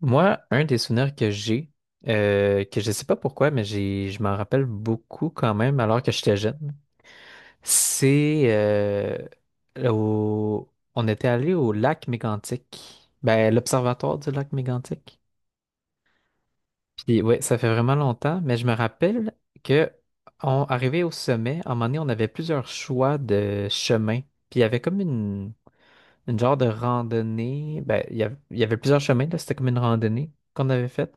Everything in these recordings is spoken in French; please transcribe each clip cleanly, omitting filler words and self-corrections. Moi, un des souvenirs que j'ai, que je sais pas pourquoi, mais je m'en rappelle beaucoup quand même, alors que j'étais jeune, c'est au- on était allé au lac Mégantic, ben l'observatoire du lac Mégantic. Puis ouais, ça fait vraiment longtemps, mais je me rappelle que on arrivait au sommet, à un moment donné, on avait plusieurs choix de chemins. Puis il y avait comme une genre de randonnée, ben il y avait plusieurs chemins là, c'était comme une randonnée qu'on avait faite.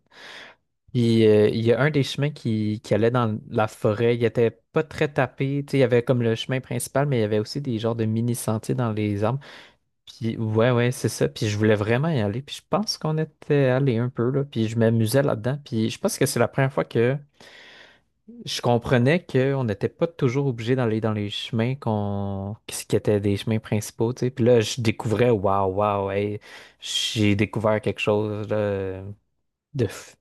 Il y a un des chemins qui allait dans la forêt. Il était pas très tapé. Tu sais, il y avait comme le chemin principal, mais il y avait aussi des genres de mini-sentiers dans les arbres. Puis ouais, ouais, c'est ça. Puis je voulais vraiment y aller. Puis je pense qu'on était allé un peu là. Puis je m'amusais là-dedans. Puis je pense que c'est la première fois que je comprenais qu'on n'était pas toujours obligé d'aller dans les chemins qu'on qui étaient des chemins principaux. Tu sais. Puis là, je découvrais, waouh, waouh, hey, j'ai découvert quelque chose là, de... f-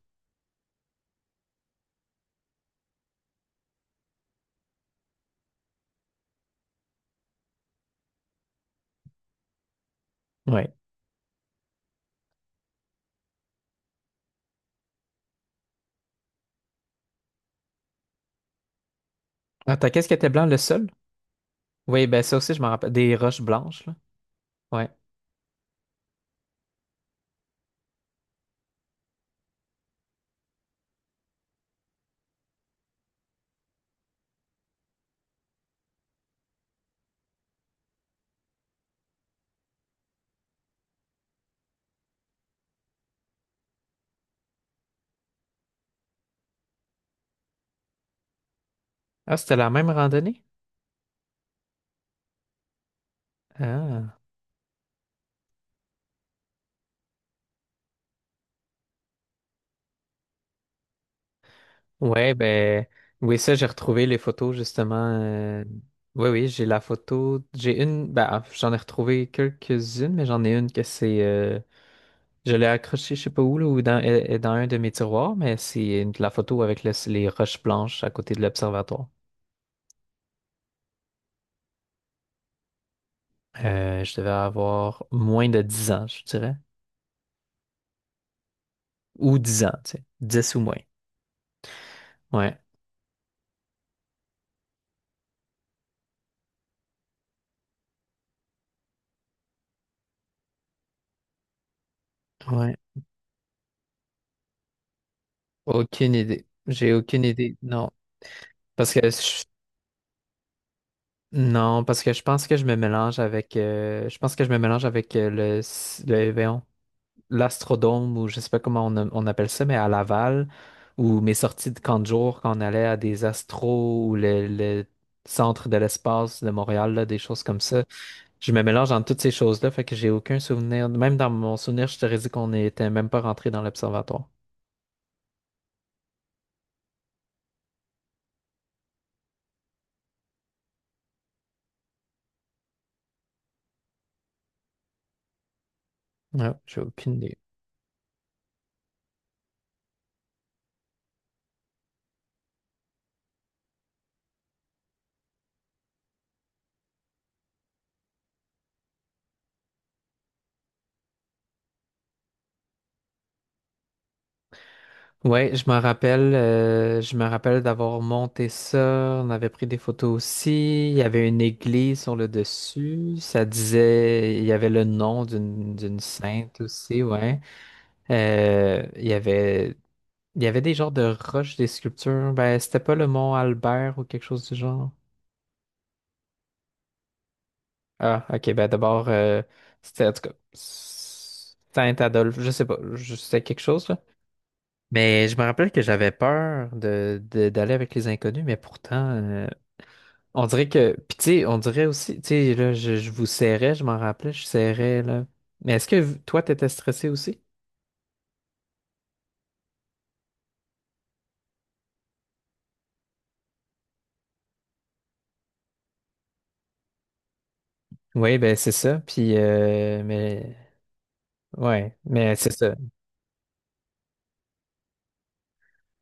Ouais. Attends, qu'est-ce qui était blanc, le sol? Oui, ben ça aussi, je m'en rappelle. Des roches blanches, là. Ouais. Ah, c'était la même randonnée? Ah. Ouais, ben. Oui, ça, j'ai retrouvé les photos, justement. euh, Oui, oui, j'ai la photo. J'ai une. Ben, ah, j'en ai retrouvé quelques-unes, mais j'en ai une que c'est. Je l'ai accrochée, je sais pas où, là, ou dans, est dans un de mes tiroirs, mais c'est la photo avec les roches blanches à côté de l'observatoire. Je devais avoir moins de 10 ans, je dirais. Ou 10 ans, tu sais. 10 ou moins. Ouais. Ouais. Aucune idée. J'ai aucune idée. Non. Parce que je... non, parce que je pense que je me mélange avec le voyons, l'Astrodome ou je sais pas comment on appelle ça, mais à Laval, ou mes sorties de camp de jour quand on allait à des astros ou le centre de l'espace de Montréal, là, des choses comme ça. Je me mélange dans toutes ces choses-là, fait que j'ai aucun souvenir. Même dans mon souvenir, je te dit qu'on n'était même pas rentré dans l'observatoire. Ouais, j'ai aucune idée. Ouais, je me rappelle d'avoir monté ça. On avait pris des photos aussi. Il y avait une église sur le dessus. Ça disait, il y avait le nom d'une sainte aussi, ouais. Euh, il y avait, il y avait des genres de roches, des sculptures. Ben, c'était pas le mont Albert ou quelque chose du genre. Ah, ok. Ben d'abord, c'était en tout cas Saint-Adolphe. Je sais pas, c'était quelque chose là. Mais je me rappelle que j'avais peur d'aller avec les inconnus, mais pourtant, on dirait que. Puis tu sais, on dirait aussi, tu sais, là, je vous serrais, je m'en rappelais, je serrais, là. Mais est-ce que toi, t'étais stressé aussi? Oui, ben c'est ça. Puis, mais. Ouais, mais c'est ça.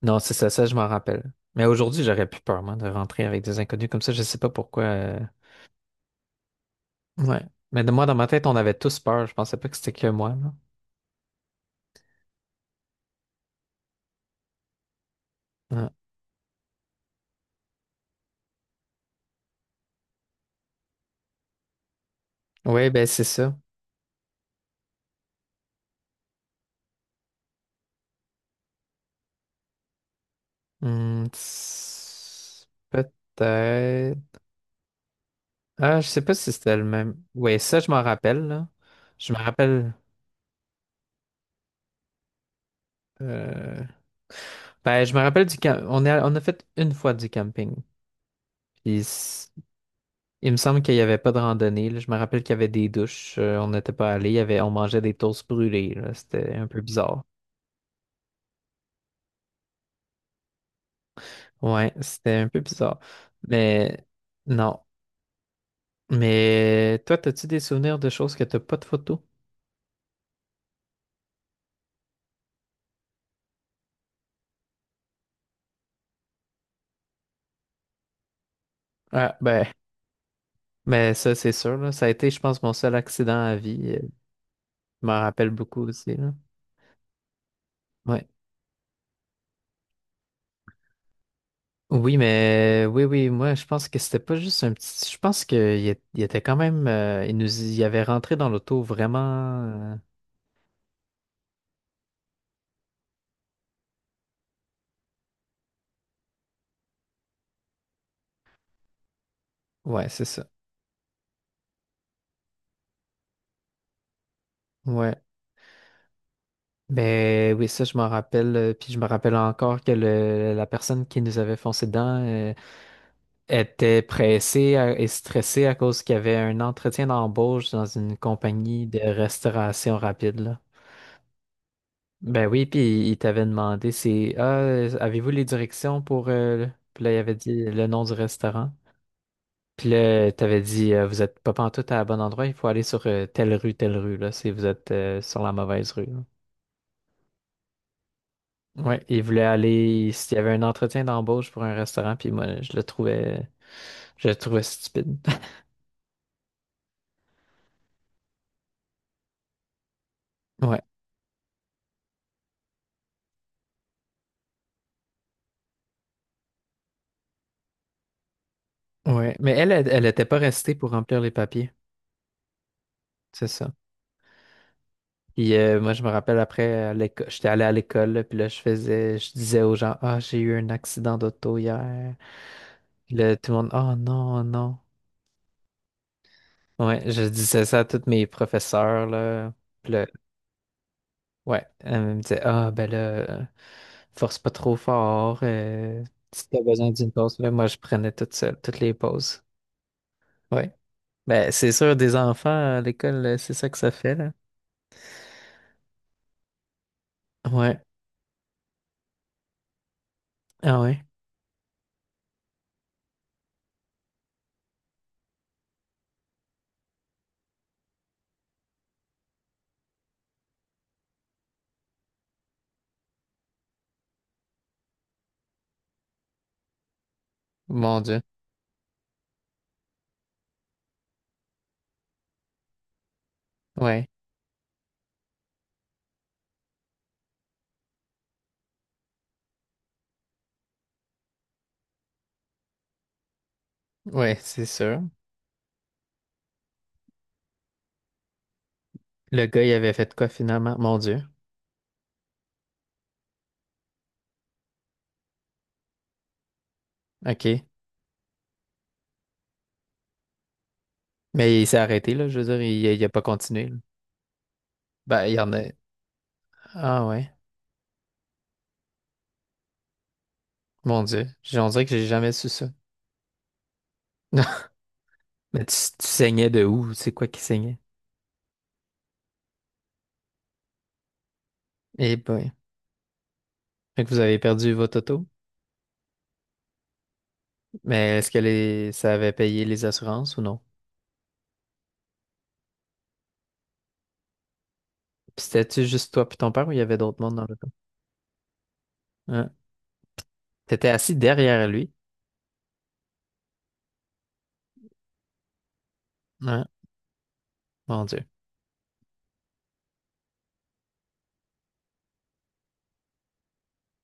Non, c'est ça, ça, je m'en rappelle. Mais aujourd'hui, j'aurais plus peur, moi, de rentrer avec des inconnus comme ça, je sais pas pourquoi. Ouais. Mais de moi, dans ma tête, on avait tous peur, je pensais pas que c'était que moi, là. Ouais, ouais, ben c'est ça. Hmm, tss, peut-être. Ah, je sais pas si c'était le même. Ouais, ça, je m'en rappelle, là. Je me rappelle. euh, Ben, je me rappelle du camp. On a fait une fois du camping. Puis il me semble qu'il n'y avait pas de randonnée, là. Je me rappelle qu'il y avait des douches. On n'était pas allé. Il y avait... On mangeait des toasts brûlés, là. C'était un peu bizarre. Ouais, c'était un peu bizarre. Mais non. Mais toi, as-tu des souvenirs de choses que t'as pas de photos? Ah, ben. Mais ça, c'est sûr, là. Ça a été, je pense, mon seul accident à vie. Je m'en rappelle beaucoup aussi, là. Ouais. Oui, mais oui, oui, moi, je pense que c'était pas juste un petit. Je pense qu'il était quand même. Il nous y avait rentré dans l'auto vraiment. euh, Ouais, c'est ça. Ouais. Ben oui, ça, je m'en rappelle. Puis je me rappelle encore que la personne qui nous avait foncé dedans était pressée et stressée à cause qu'il y avait un entretien d'embauche dans une compagnie de restauration rapide, là. Ben oui, puis il t'avait demandé c'est Ah, avez-vous les directions pour Puis là, il avait dit le nom du restaurant. Puis là, t'avais dit vous êtes pas pantoute à bon endroit, il faut aller sur telle rue, là, si vous êtes sur la mauvaise rue. Là. Ouais, il voulait aller s'il y avait un entretien d'embauche pour un restaurant, puis moi, je le trouvais stupide. Ouais, ouais. Mais elle était pas restée pour remplir les papiers. C'est ça. Puis moi, je me rappelle après, j'étais allé à l'école, là, puis là, je disais aux gens, Ah, j'ai eu un accident d'auto hier. Puis là, tout le monde, Oh non, oh non. Ouais, je disais ça à tous mes professeurs, là. Puis là, ouais, elle me disait, Ah, ben là, euh, force pas trop fort. Si t'as besoin d'une pause, là, moi, je prenais toute seule, toutes les pauses. Ouais. Ben, c'est sûr, des enfants à l'école, c'est ça que ça fait, là. Ouais. Ah ouais. Mon Dieu. Ouais. Ouais, c'est sûr. Le gars, il avait fait quoi finalement? Mon Dieu. OK. Mais il s'est arrêté, là. Je veux dire, il a pas continué là. Ben, il y en a. Ah ouais. Mon Dieu. On dirait que j'ai jamais su ça. Mais tu saignais de où? C'est quoi qui saignait? Eh ben. Fait que vous avez perdu votre auto. Mais est-ce que les... ça avait payé les assurances ou non? Puis c'était-tu juste toi puis ton père ou il y avait d'autres monde dans l'auto? Hein? T'étais assis derrière lui. Hein? Mon Dieu.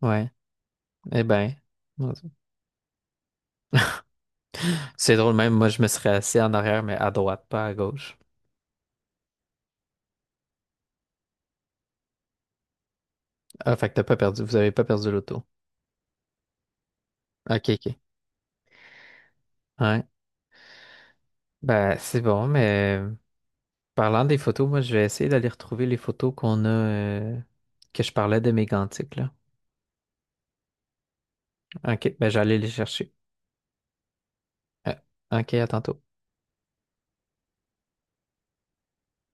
Ouais. Eh ben. Mon Dieu. C'est drôle, même moi, je me serais assis en arrière, mais à droite, pas à gauche. Ah, fait que t'as pas perdu, vous avez pas perdu l'auto. Ok, ok. Ouais. Ben, c'est bon, mais parlant des photos, moi, je vais essayer d'aller retrouver les photos qu'on a, que je parlais de mes gantiques, là. Ok, ben, j'allais les chercher. Euh, ok, à tantôt.